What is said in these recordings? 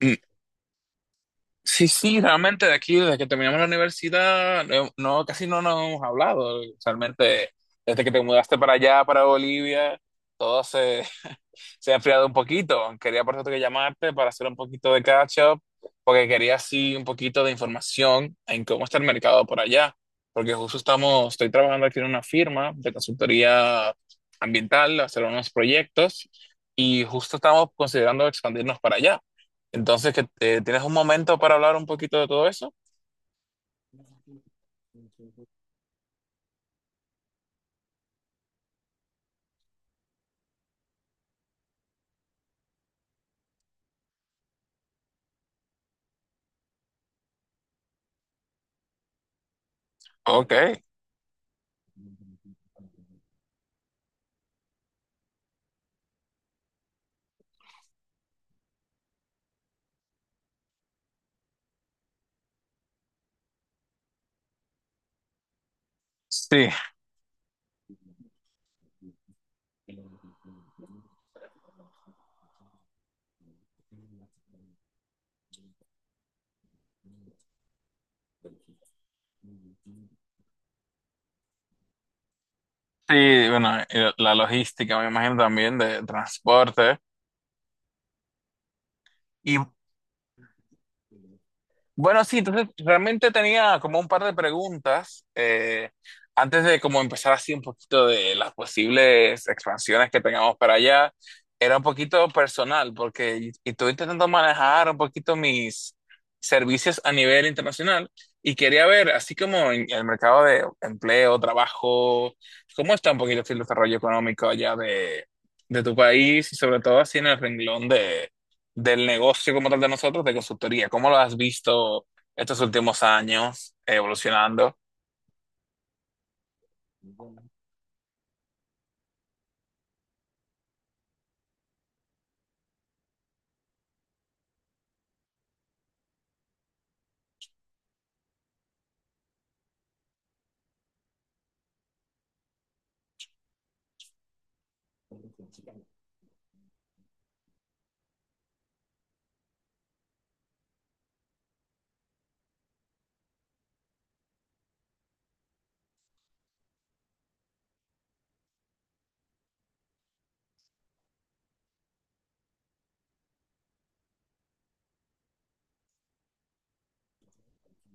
Mm, Sí, sí, realmente de aquí, desde que terminamos la universidad, no, no, casi no nos hemos hablado. Realmente, desde que te mudaste para allá, para Bolivia, todo se, se ha enfriado un poquito. Quería por eso que llamarte para hacer un poquito de catch up, porque quería así un poquito de información en cómo está el mercado por allá. Porque estoy trabajando aquí en una firma de consultoría ambiental, hacer unos proyectos y justo estamos considerando expandirnos para allá. Entonces, que ¿tienes un momento para hablar un poquito de todo eso? Ok, sí, sí, bueno, la logística me imagino también de transporte. Y bueno, sí, entonces realmente tenía como un par de preguntas, antes de como empezar así un poquito de las posibles expansiones que tengamos para allá. Era un poquito personal porque y estoy intentando manejar un poquito mis servicios a nivel internacional y quería ver, así como en el mercado de empleo, trabajo, cómo está un poquito el desarrollo económico allá de tu país y sobre todo así en el renglón del negocio como tal de nosotros, de consultoría. ¿Cómo lo has visto estos últimos años evolucionando?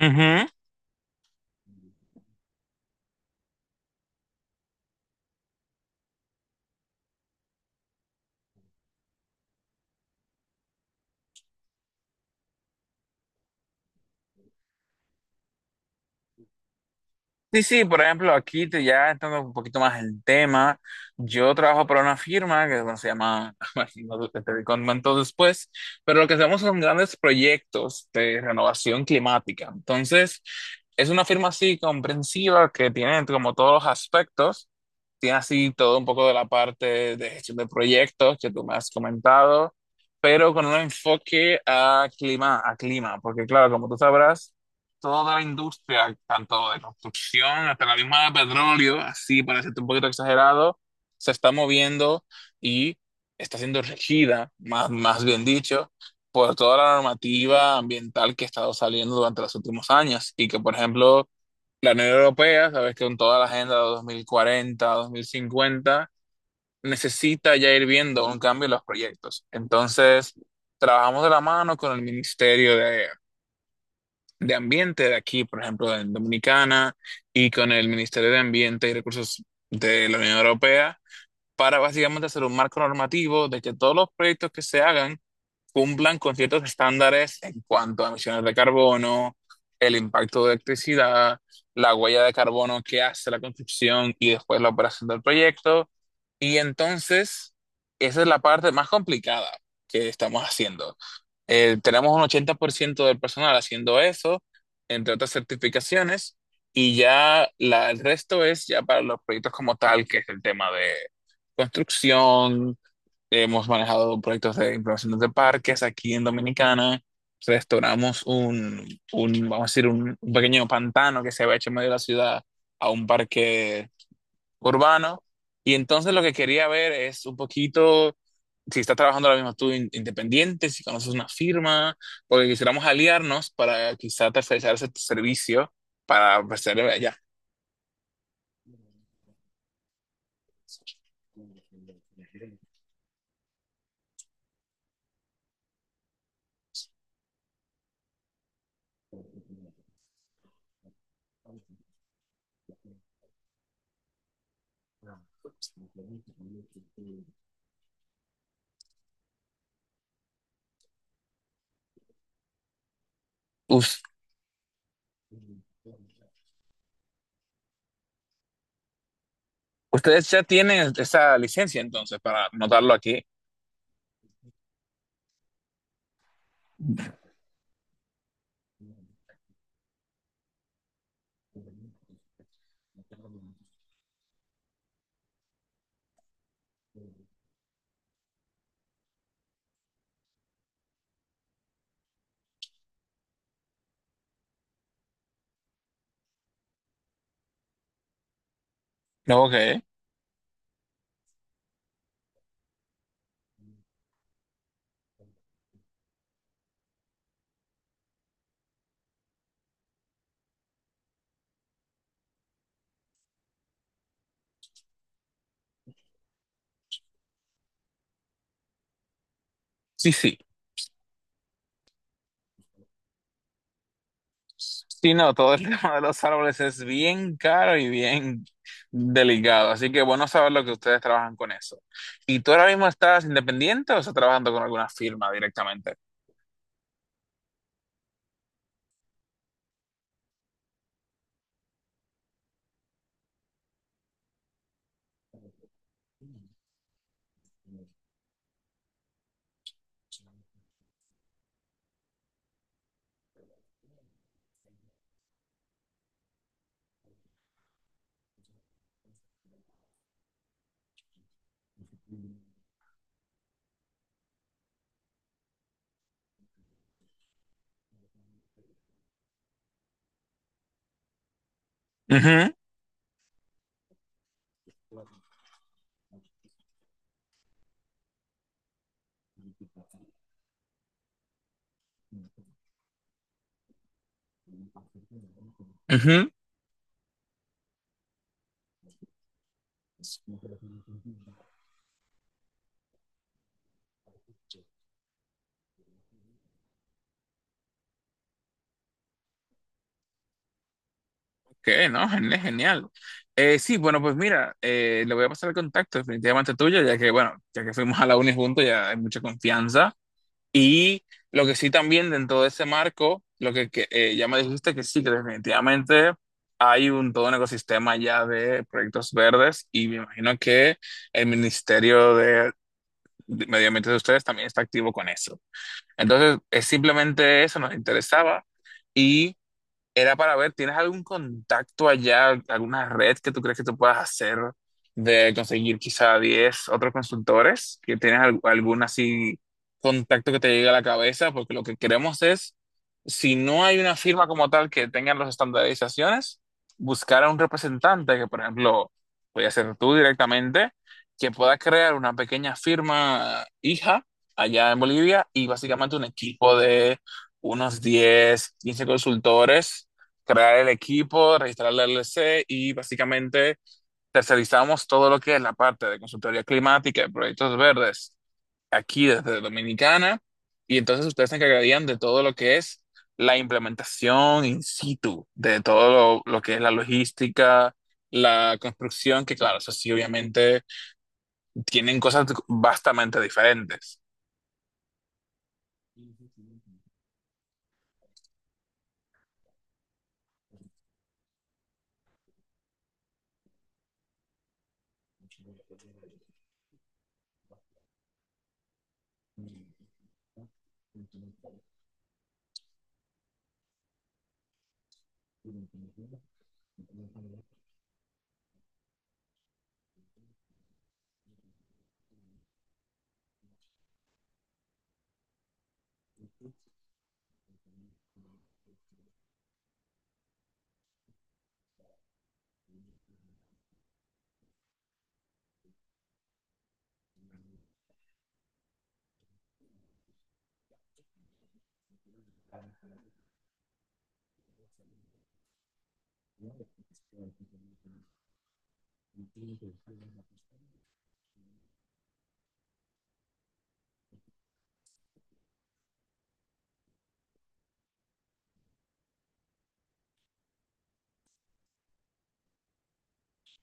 Ujú. Sí, sí, por ejemplo, ya entrando un poquito más en tema, yo trabajo para una firma que bueno, se llama, no te comento después, pero lo que hacemos son grandes proyectos de renovación climática. Entonces, es una firma así comprensiva que tiene como todos los aspectos, tiene así todo un poco de la parte de gestión de proyectos que tú me has comentado, pero con un enfoque a clima, porque claro, como tú sabrás, toda la industria, tanto de construcción hasta la misma de petróleo, así para ser un poquito exagerado, se está moviendo y está siendo regida, más bien dicho, por toda la normativa ambiental que ha estado saliendo durante los últimos años y que, por ejemplo, la Unión Europea, sabes que con toda la agenda de 2040, 2050, necesita ya ir viendo un cambio en los proyectos. Entonces, trabajamos de la mano con el Ministerio de ambiente de aquí, por ejemplo, en Dominicana, y con el Ministerio de Ambiente y Recursos de la Unión Europea, para básicamente hacer un marco normativo de que todos los proyectos que se hagan cumplan con ciertos estándares en cuanto a emisiones de carbono, el impacto de electricidad, la huella de carbono que hace la construcción y después la operación del proyecto. Y entonces, esa es la parte más complicada que estamos haciendo. Tenemos un 80% del personal haciendo eso, entre otras certificaciones, y ya el resto es ya para los proyectos como tal, que es el tema de construcción. Hemos manejado proyectos de implementación de parques aquí en Dominicana. Restauramos un, Vamos a decir, un pequeño pantano que se había hecho en medio de la ciudad a un parque urbano. Y entonces lo que quería ver es un poquito si estás trabajando ahora mismo tú independiente, si conoces una firma, porque quisiéramos aliarnos para quizá tercerizar ese servicio para ofrecerle allá. Us- Ustedes ya tienen esa licencia entonces para anotarlo aquí. No, ok. Sí, sí. Sí, no, todo el tema de los árboles es bien caro y bien delicado, así que bueno saber lo que ustedes trabajan con eso. ¿Y tú ahora mismo estás independiente o estás trabajando con alguna firma directamente? Ujú, ujú. Ok, no, genial, genial. Sí, bueno, pues mira, le voy a pasar el contacto definitivamente tuyo, ya que, bueno, ya que fuimos a la uni juntos, ya hay mucha confianza. Y lo que sí también dentro de ese marco, ya me dijiste que sí, que definitivamente hay un todo un ecosistema ya de proyectos verdes y me imagino que el Ministerio de Medio Ambiente de ustedes también está activo con eso. Entonces, es simplemente eso nos interesaba y era para ver, ¿tienes algún contacto allá, alguna red que tú crees que tú puedas hacer de conseguir quizá 10 otros consultores? ¿Que tienes algún así contacto que te llegue a la cabeza? Porque lo que queremos es, si no hay una firma como tal que tenga las estandarizaciones, buscar a un representante que, por ejemplo, voy a ser tú directamente, que pueda crear una pequeña firma hija allá en Bolivia y básicamente un equipo de unos 10 15 consultores, crear el equipo, registrar la LLC y básicamente tercerizamos todo lo que es la parte de consultoría climática y proyectos verdes aquí desde Dominicana y entonces ustedes se encargarían de todo lo que es la implementación in situ, de lo que es la logística, la construcción, que claro, eso sí, obviamente tienen cosas vastamente diferentes.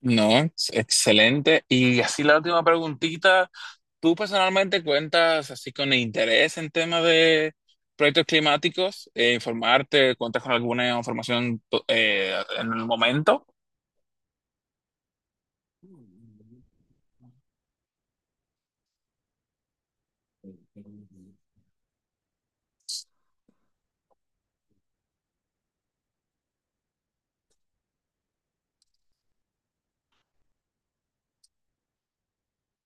No, excelente. Y así la última preguntita, ¿tú personalmente cuentas así con interés en temas de proyectos climáticos? ¿Informarte? ¿Cuentas con alguna información en el momento?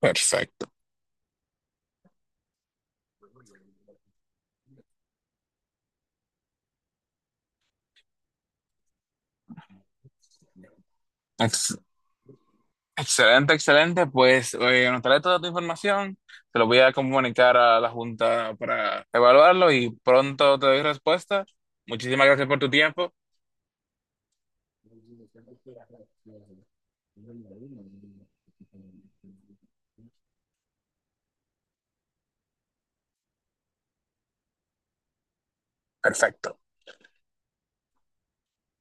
Perfecto. Ex- Excelente, excelente. Pues anotaré toda tu información, te lo voy a comunicar a la Junta para evaluarlo y pronto te doy respuesta. Muchísimas gracias por tu tiempo. Perfecto.